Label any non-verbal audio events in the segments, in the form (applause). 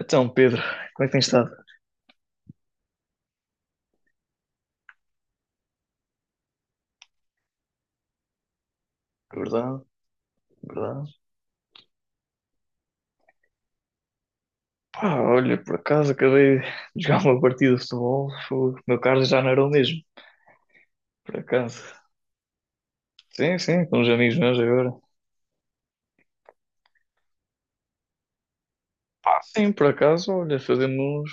Então, Pedro, como é que tens estado? Verdade, verdade. Pá, olha, por acaso acabei de jogar uma partida de futebol, fogo, meu carro já não era o mesmo, por acaso. Sim, sim, com uns amigos meus agora. Ah, sim, por acaso, olha, fazemos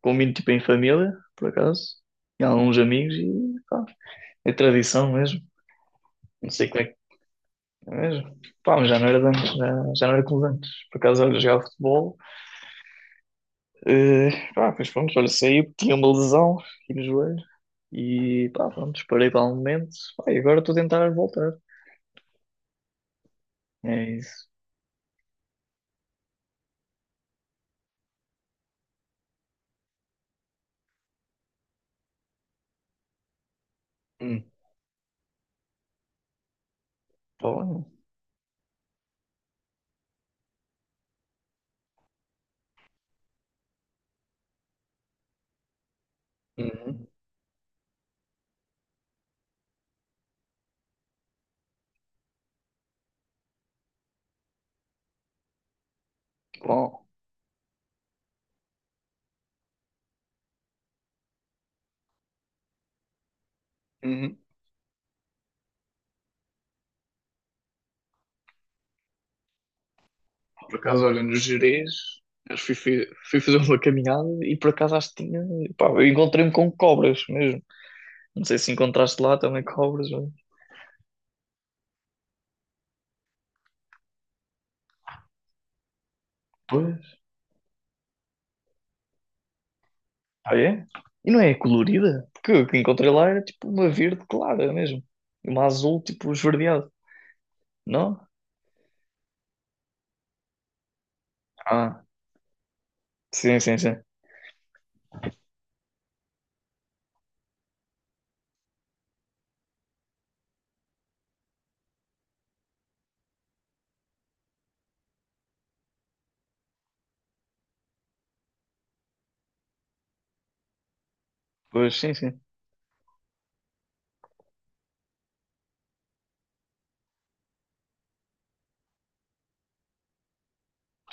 combino tipo em família, por acaso, e alguns amigos e pá, é tradição mesmo. Não sei como é que é mesmo. Pá, mas já não era de antes, já, já não era como de antes. Por acaso, olha, jogava futebol. Eh, pá, pois pronto, olha, saí porque tinha uma lesão aqui no joelho e pá, pronto, parei para um momento. Pá, e agora estou a tentar voltar. É isso. Hum, tá bom, uhum, bom, uhum. Por acaso, olha, no Gerês, acho que fui, fui fazer uma caminhada e por acaso acho que tinha. Pá, eu encontrei-me com cobras mesmo. Não sei se encontraste lá também cobras, mas- Pois. Ah, é? E não é colorida? Porque o que encontrei lá era tipo uma verde clara mesmo. E uma azul tipo esverdeado. Não? Ah, sim, sim, sim. Pois sim, sim.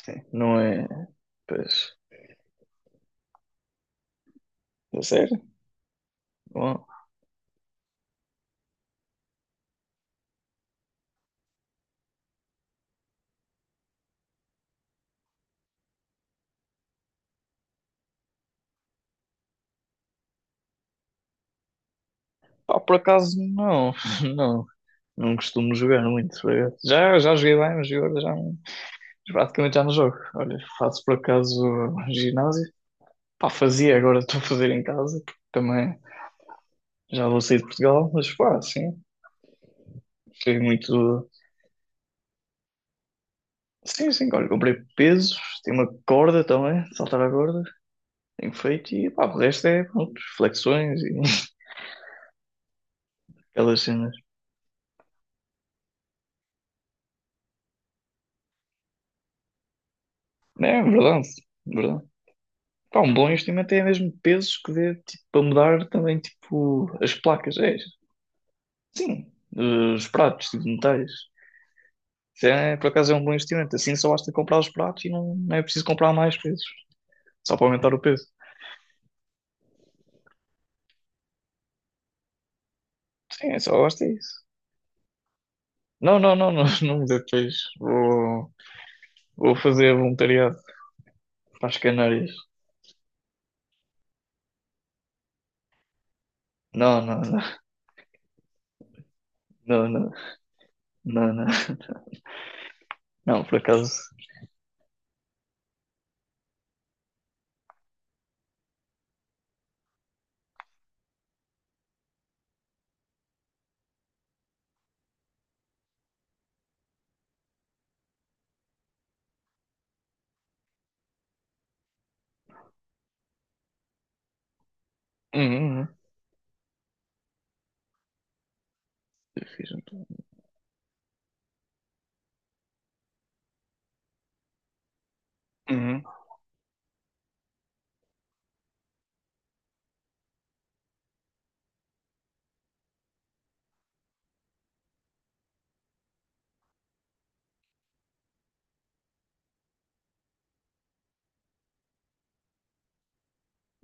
Sim. Não é. Pois. É sério? Bom. Pá, por acaso não. (laughs) Não. Não costumo jogar muito, por acaso. Já joguei bem, mas agora já não, praticamente já não jogo. Olha, faço por acaso ginásio. Pá, fazia, agora estou a fazer em casa, porque também já vou sair de Portugal, mas pá, sim. Foi muito. Sim, sim, olha, comprei pesos, tem uma corda também, saltar a corda, tenho feito e pá, o resto é pronto, flexões e (laughs) aquelas cenas. É verdade, verdade. Pá, um bom investimento é mesmo pesos que dê tipo, para mudar também tipo, as placas. É, sim, eh, os pratos tipo, de metais. Isso é, por acaso é um bom investimento. Assim só basta comprar os pratos e não, não é preciso comprar mais pesos. Só para aumentar o peso. Sim, é só basta isso. Não, não, não, não, (laughs) não me dê peixe. Vou, vou fazer voluntariado para as Canárias. Não, não, não, não, não, não, não, não, por acaso. Uhum, uhum. Eu fiz um plano. Uhum.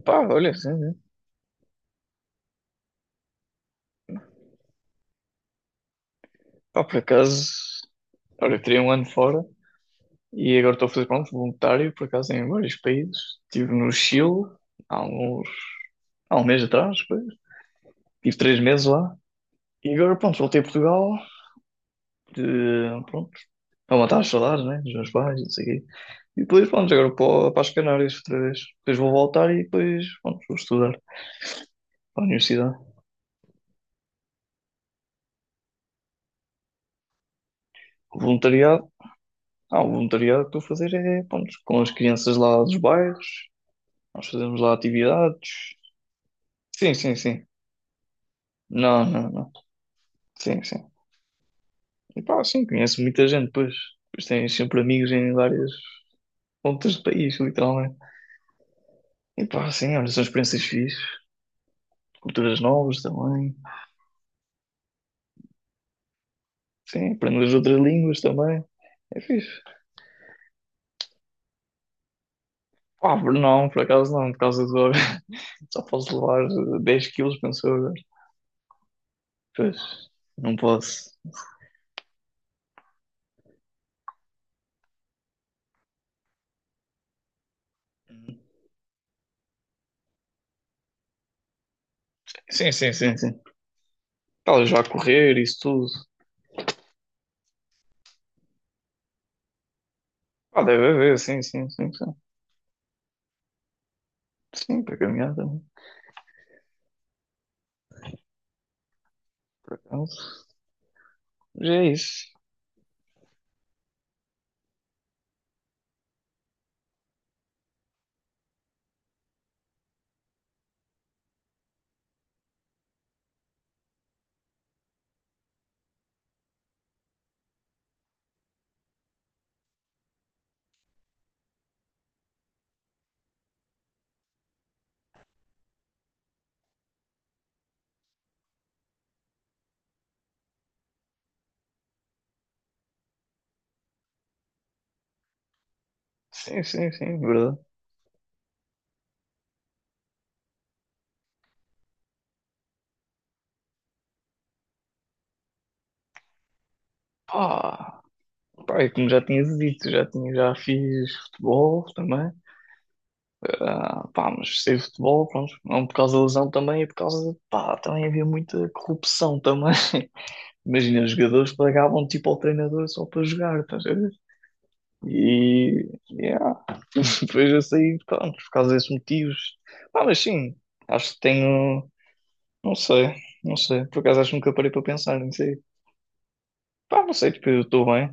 Pá, olha, sim, sim. Pá, por acaso. Olha, eu teria um ano fora. E agora estou a fazer, pronto, voluntário, por acaso, em vários países. Estive no Chile há uns, há um mês atrás, pois. Tive três meses lá. E agora, pronto, voltei a Portugal, de, pronto, para matar as saudades, né, dos meus pais, e não sei o quê. E depois, pronto, agora para as Canárias outra vez. Depois vou voltar e depois, pronto, vou estudar para a universidade. O voluntariado, ah, o voluntariado que estou a fazer é, pronto, com as crianças lá dos bairros, nós fazemos lá atividades. Sim, sim, sim. Não, não, não. Sim, sim. E pá, sim, conheço muita gente, pois. Pois tens sempre amigos em várias pontas do país, literalmente. E pá, sim, olha, são experiências fixes. Culturas novas também. Sim, aprendo as outras línguas também. É fixe. Não, por acaso não, por causa do óbvio. (laughs) Só posso levar 10 quilos, penso eu agora. Pois, não posso. Sim, sim, sim, sim. Talvez vá correr, isso tudo. Ah, deve haver, sim, sim, sim, sim. Sim, para caminhar também, por acaso. Mas é isso. Sim, sim, sim, verdade. Pá. Pá, e como já tinha dito, já tinha, já fiz futebol também. Ah, pá, mas sei futebol, pronto, não por causa da lesão também, é por causa de, pá, também havia muita corrupção também. (laughs) Imagina, os jogadores pagavam tipo ao treinador só para jogar, estás a ver? E, yeah. (laughs) Depois eu saí, pronto, por causa desses motivos. Ah, mas sim, acho que tenho, não sei, não sei, por acaso acho que nunca parei para pensar, não sei. Pá, não sei, tipo, eu estou bem,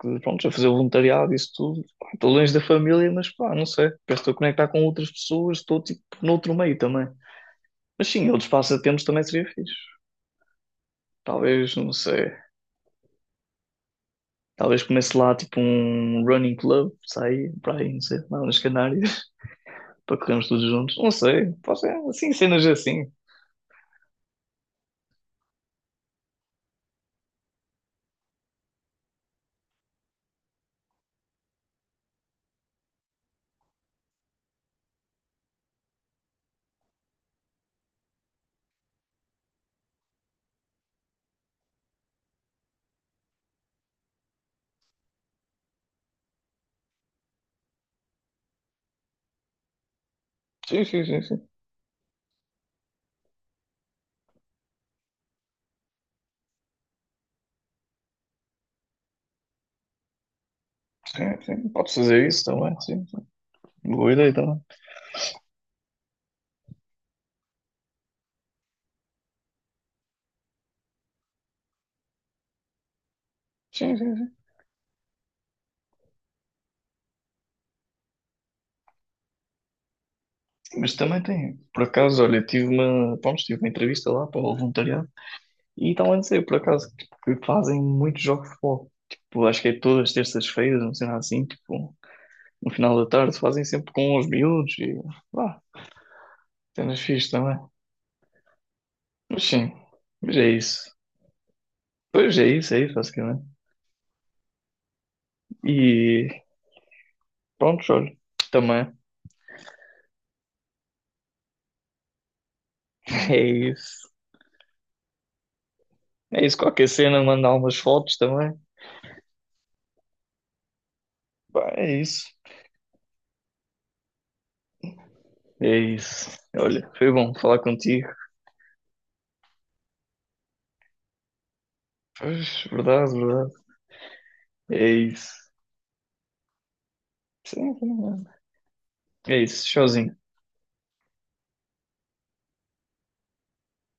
que, pronto, a fazer voluntariado, isso tudo. Pá, estou longe da família, mas pá, não sei. Parece que estou a conectar com outras pessoas, estou tipo noutro meio também. Mas sim, outros passatempos também seria fixe. Talvez, não sei. Talvez comece lá tipo um running club, sair para aí, não sei, lá nas Canárias, (laughs) para corrermos todos juntos. Não sei, pode ser assim, cenas assim. Sim, sim, sim, sim. Sim, sim. Podes fazer isso também, sim, sim. Boa ideia também. Sim, sim, sim. Mas também tem, por acaso, olha, tive uma, pronto, tive uma entrevista lá para o voluntariado e estão a dizer, por acaso, tipo, que fazem muitos jogos de futebol. Tipo, acho que é todas as terças-feiras, não sei lá assim, tipo, no final da tarde fazem sempre com os miúdos e lá, cenas fixe também. Mas sim, mas é isso. Pois é isso, basicamente. E pronto, olha, também (laughs) é isso. É isso, qualquer cena, mandar umas fotos também. Pá, é isso. É isso. Olha, foi bom falar contigo. Pois, verdade, verdade. É isso. Sim, sim, é É isso. Showzinho.